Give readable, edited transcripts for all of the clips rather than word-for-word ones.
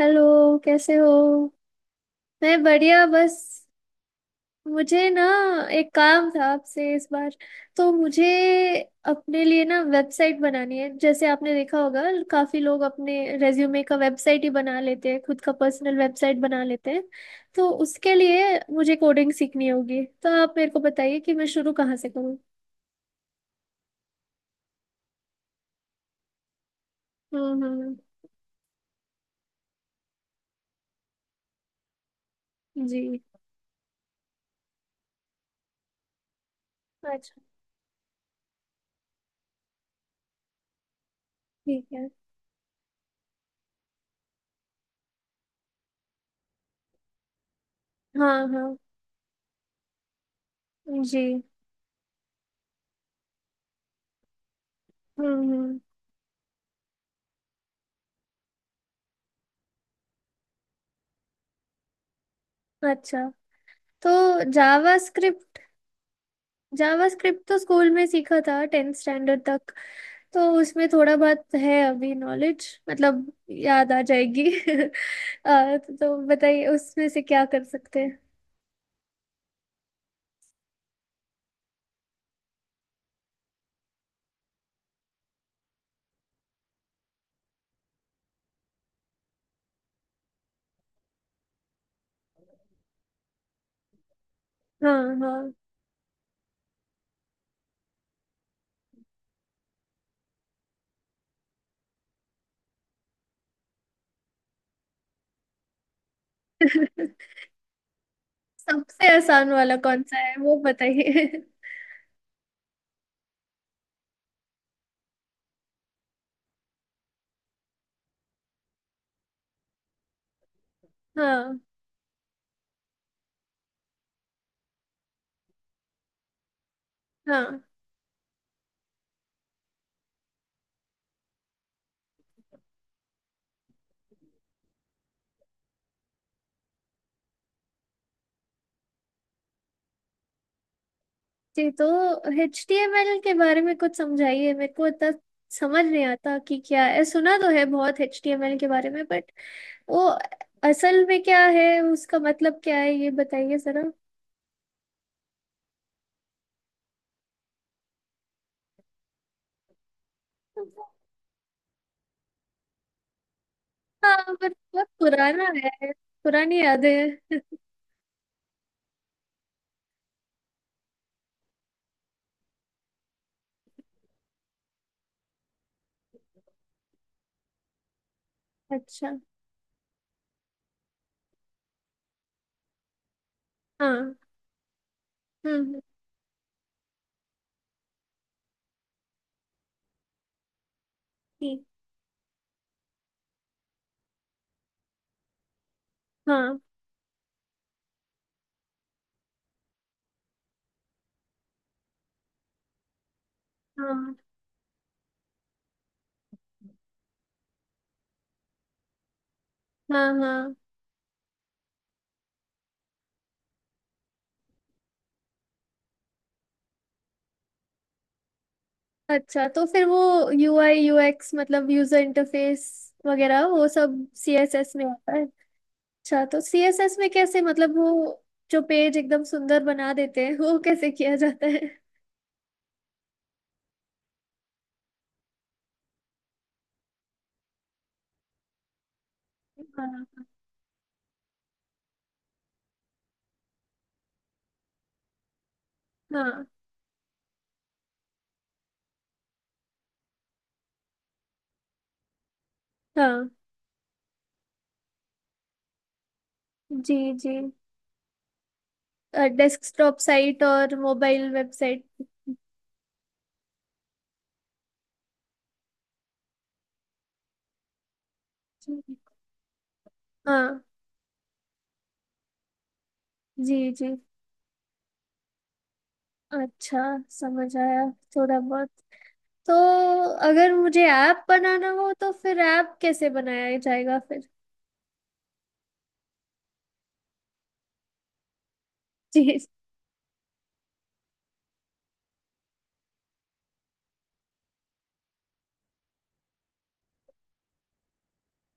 Hello. कैसे हो? मैं बढ़िया। बस मुझे ना एक काम था आपसे इस बार। तो मुझे अपने लिए ना वेबसाइट बनानी है, जैसे आपने देखा होगा काफी लोग अपने रेज्यूमे का वेबसाइट ही बना लेते हैं, खुद का पर्सनल वेबसाइट बना लेते हैं। तो उसके लिए मुझे कोडिंग सीखनी होगी। तो आप मेरे को बताइए कि मैं शुरू कहाँ से करूँ। हम्म, हम्म। जी। अच्छा। ठीक है। हाँ, हाँ। जी। हम्म, हम्म। अच्छा। तो जावा जावास्क्रिप्ट तो स्कूल में सीखा था टेंथ स्टैंडर्ड तक। तो उसमें थोड़ा बहुत है, अभी नॉलेज मतलब याद आ जाएगी। तो बताइए उसमें से क्या कर सकते हैं। हाँ, हाँ। सबसे आसान वाला कौन सा है वो बताइए। हाँ, हाँ। जी। तो एच टी एम एल के बारे में कुछ समझाइए। मेरे को इतना समझ नहीं आता कि क्या है। सुना तो है बहुत एच टी एम एल के बारे में, बट वो असल में क्या है, उसका मतलब क्या है ये बताइए जरा। हाँ। पर बहुत पुराना है। पुरानी यादें हैं। अच्छा। हाँ। हम्म, हम्म। ठीक। हाँ। हाँ। हाँ। हाँ। अच्छा, तो फिर वो यू आई यू एक्स मतलब यूजर इंटरफेस वगैरह वो सब सी एस एस में आता है। अच्छा, तो सी एस एस में कैसे मतलब वो जो पेज एकदम सुंदर बना देते हैं वो कैसे किया जाता है? हाँ। हाँ। हाँ। जी, जी। डेस्कटॉप साइट और मोबाइल वेबसाइट। हाँ। जी, जी। अच्छा। समझ आया थोड़ा बहुत। तो अगर मुझे ऐप बनाना हो तो फिर ऐप कैसे बनाया जाएगा फिर? जी।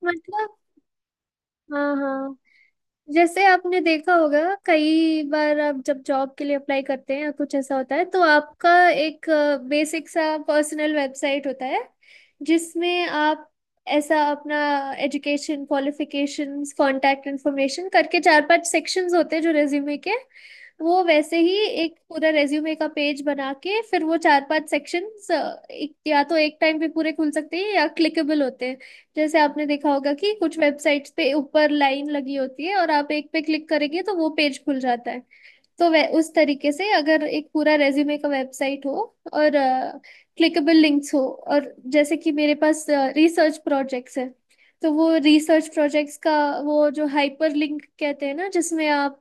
मतलब। हाँ, हाँ। जैसे आपने देखा होगा, कई बार आप जब जॉब के लिए अप्लाई करते हैं या कुछ ऐसा होता है, तो आपका एक बेसिक सा पर्सनल वेबसाइट होता है, जिसमें आप ऐसा अपना एजुकेशन क्वालिफिकेशंस कांटेक्ट इन्फॉर्मेशन करके चार पांच सेक्शंस होते हैं जो रेज्यूमे के। वो वैसे ही एक पूरा रेज्यूमे का पेज बना के फिर वो चार पांच सेक्शंस या तो एक टाइम पे पूरे खुल सकते हैं या क्लिकेबल होते हैं। जैसे आपने देखा होगा कि कुछ वेबसाइट्स पे ऊपर लाइन लगी होती है और आप एक पे क्लिक करेंगे तो वो पेज खुल जाता है। तो वह उस तरीके से अगर एक पूरा रेज्यूमे का वेबसाइट हो और क्लिकेबल लिंक्स हो। और जैसे कि मेरे पास रिसर्च प्रोजेक्ट्स है, तो वो रिसर्च प्रोजेक्ट्स का वो जो हाइपर लिंक कहते हैं ना, जिसमें आप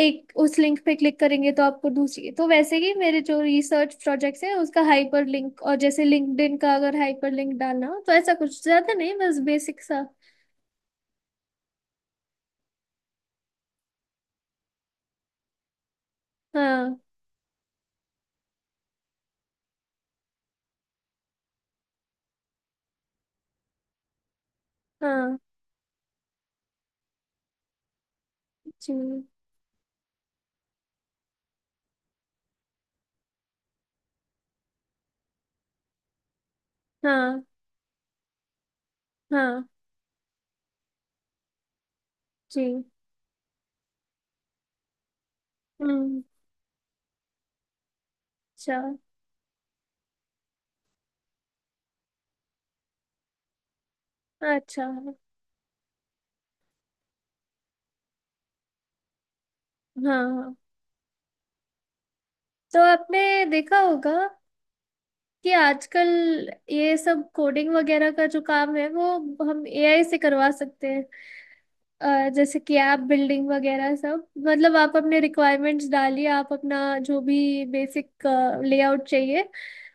एक उस लिंक पे क्लिक करेंगे तो आपको दूसरी, तो वैसे ही मेरे जो रिसर्च प्रोजेक्ट्स हैं उसका हाइपर लिंक और जैसे लिंक्डइन का अगर हाइपर लिंक डालना हो, तो ऐसा कुछ ज्यादा नहीं, बस बेसिक सा। हाँ, हाँ। जी। हाँ, हाँ। जी। हम्म। अच्छा, अच्छा। हाँ, हाँ। तो आपने देखा होगा कि आजकल ये सब कोडिंग वगैरह का जो काम है वो हम एआई से करवा सकते हैं। जैसे कि ऐप बिल्डिंग वगैरह सब, मतलब आप अपने रिक्वायरमेंट्स डालिए, आप अपना जो भी बेसिक लेआउट चाहिए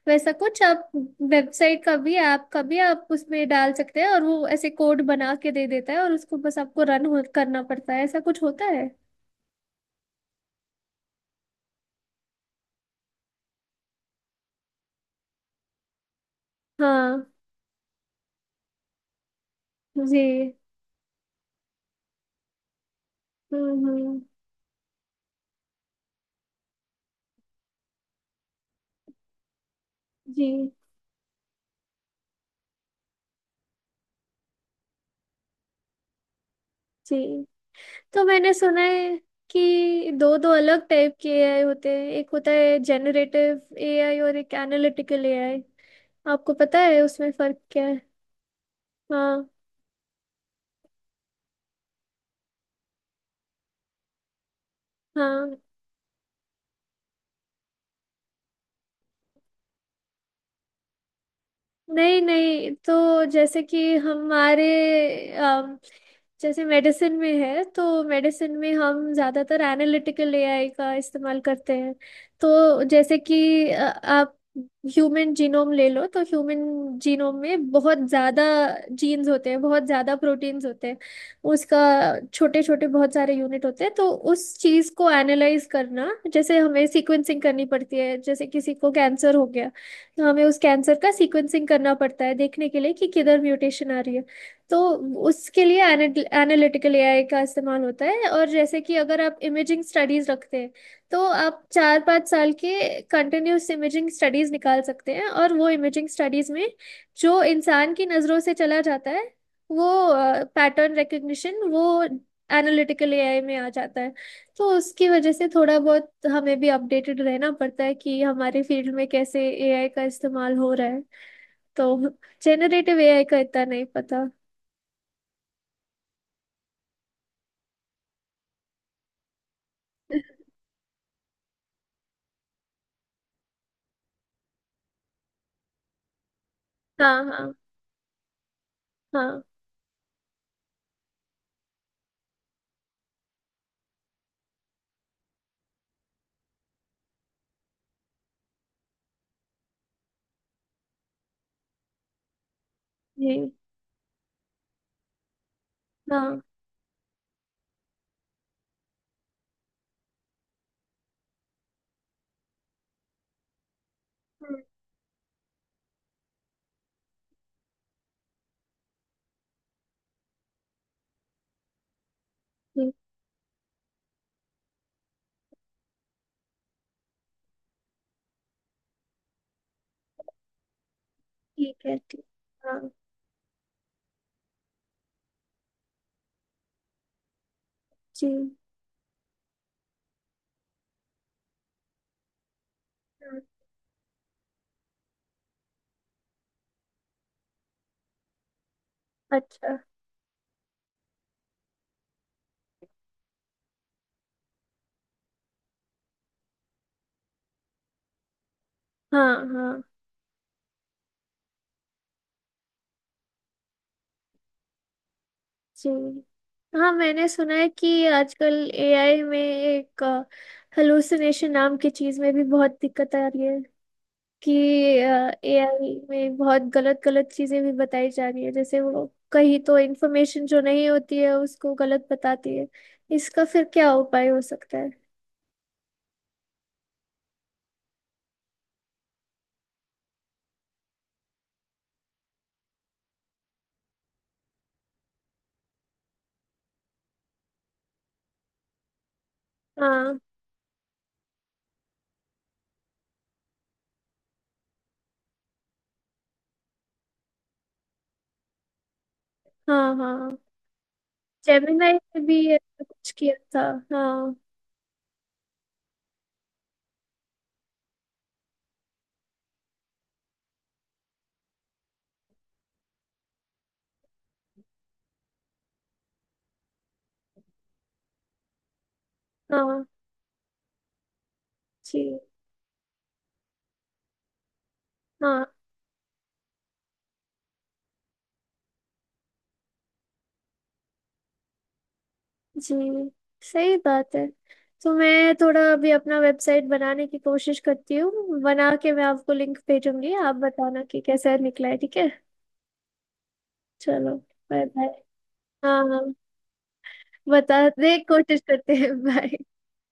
वैसा कुछ आप वेबसाइट का भी ऐप का भी आप उसमें डाल सकते हैं, और वो ऐसे कोड बना के दे देता है और उसको बस आपको रन करना पड़ता है, ऐसा कुछ होता है। हाँ। जी। हम्म, हम्म। जी, जी। तो मैंने सुना है कि दो दो अलग टाइप के एआई होते हैं, एक होता है जेनरेटिव एआई और एक एनालिटिकल एआई। आपको पता है उसमें फर्क क्या है? हाँ, हाँ। नहीं, नहीं, तो जैसे कि हमारे अम, जैसे मेडिसिन में है तो मेडिसिन में हम ज़्यादातर एनालिटिकल एआई का इस्तेमाल करते हैं। तो जैसे कि आप ह्यूमन जीनोम ले लो, तो ह्यूमन जीनोम में बहुत ज़्यादा जीन्स होते हैं, बहुत ज़्यादा प्रोटीन्स होते हैं। उसका छोटे छोटे बहुत सारे यूनिट होते हैं। तो उस चीज़ को एनालाइज करना, जैसे हमें सीक्वेंसिंग करनी पड़ती है, जैसे किसी को कैंसर हो गया तो हमें उस कैंसर का सीक्वेंसिंग करना पड़ता है देखने के लिए कि किधर म्यूटेशन आ रही है। तो उसके लिए एनालिटिकल एआई का इस्तेमाल होता है। और जैसे कि अगर आप इमेजिंग स्टडीज रखते हैं, तो आप चार पाँच साल के कंटिन्यूस इमेजिंग स्टडीज निकाल सकते हैं, और वो इमेजिंग स्टडीज में जो इंसान की नज़रों से चला जाता है वो पैटर्न रिकग्निशन वो एनालिटिकल एआई में आ जाता है। तो उसकी वजह से थोड़ा बहुत हमें भी अपडेटेड रहना पड़ता है कि हमारे फील्ड में कैसे एआई का इस्तेमाल हो रहा है। तो जेनरेटिव एआई का इतना नहीं पता। हाँ, हाँ। हाँ। जी। हाँ। हम्म। जी। ठीक है। ठीक। हाँ। जी। हाँ। अच्छा। हाँ, हाँ। जी। हाँ, मैंने सुना है कि आजकल एआई में एक हेलुसिनेशन नाम की चीज में भी बहुत दिक्कत आ रही है। कि एआई में बहुत गलत गलत चीजें भी बताई जा रही है, जैसे वो कहीं तो इंफॉर्मेशन जो नहीं होती है उसको गलत बताती है। इसका फिर क्या उपाय हो सकता है? हाँ, हाँ, हाँ। जेमिनाई ने भी ऐसा कुछ किया था। हाँ, हाँ। जी। हाँ। जी। सही बात है। तो मैं थोड़ा अभी अपना वेबसाइट बनाने की कोशिश करती हूँ, बना के मैं आपको लिंक भेजूंगी, आप बताना कि कैसा निकला है, ठीक है? चलो। Bye, bye. हाँ, हाँ। बताने की कोशिश करते हैं भाई।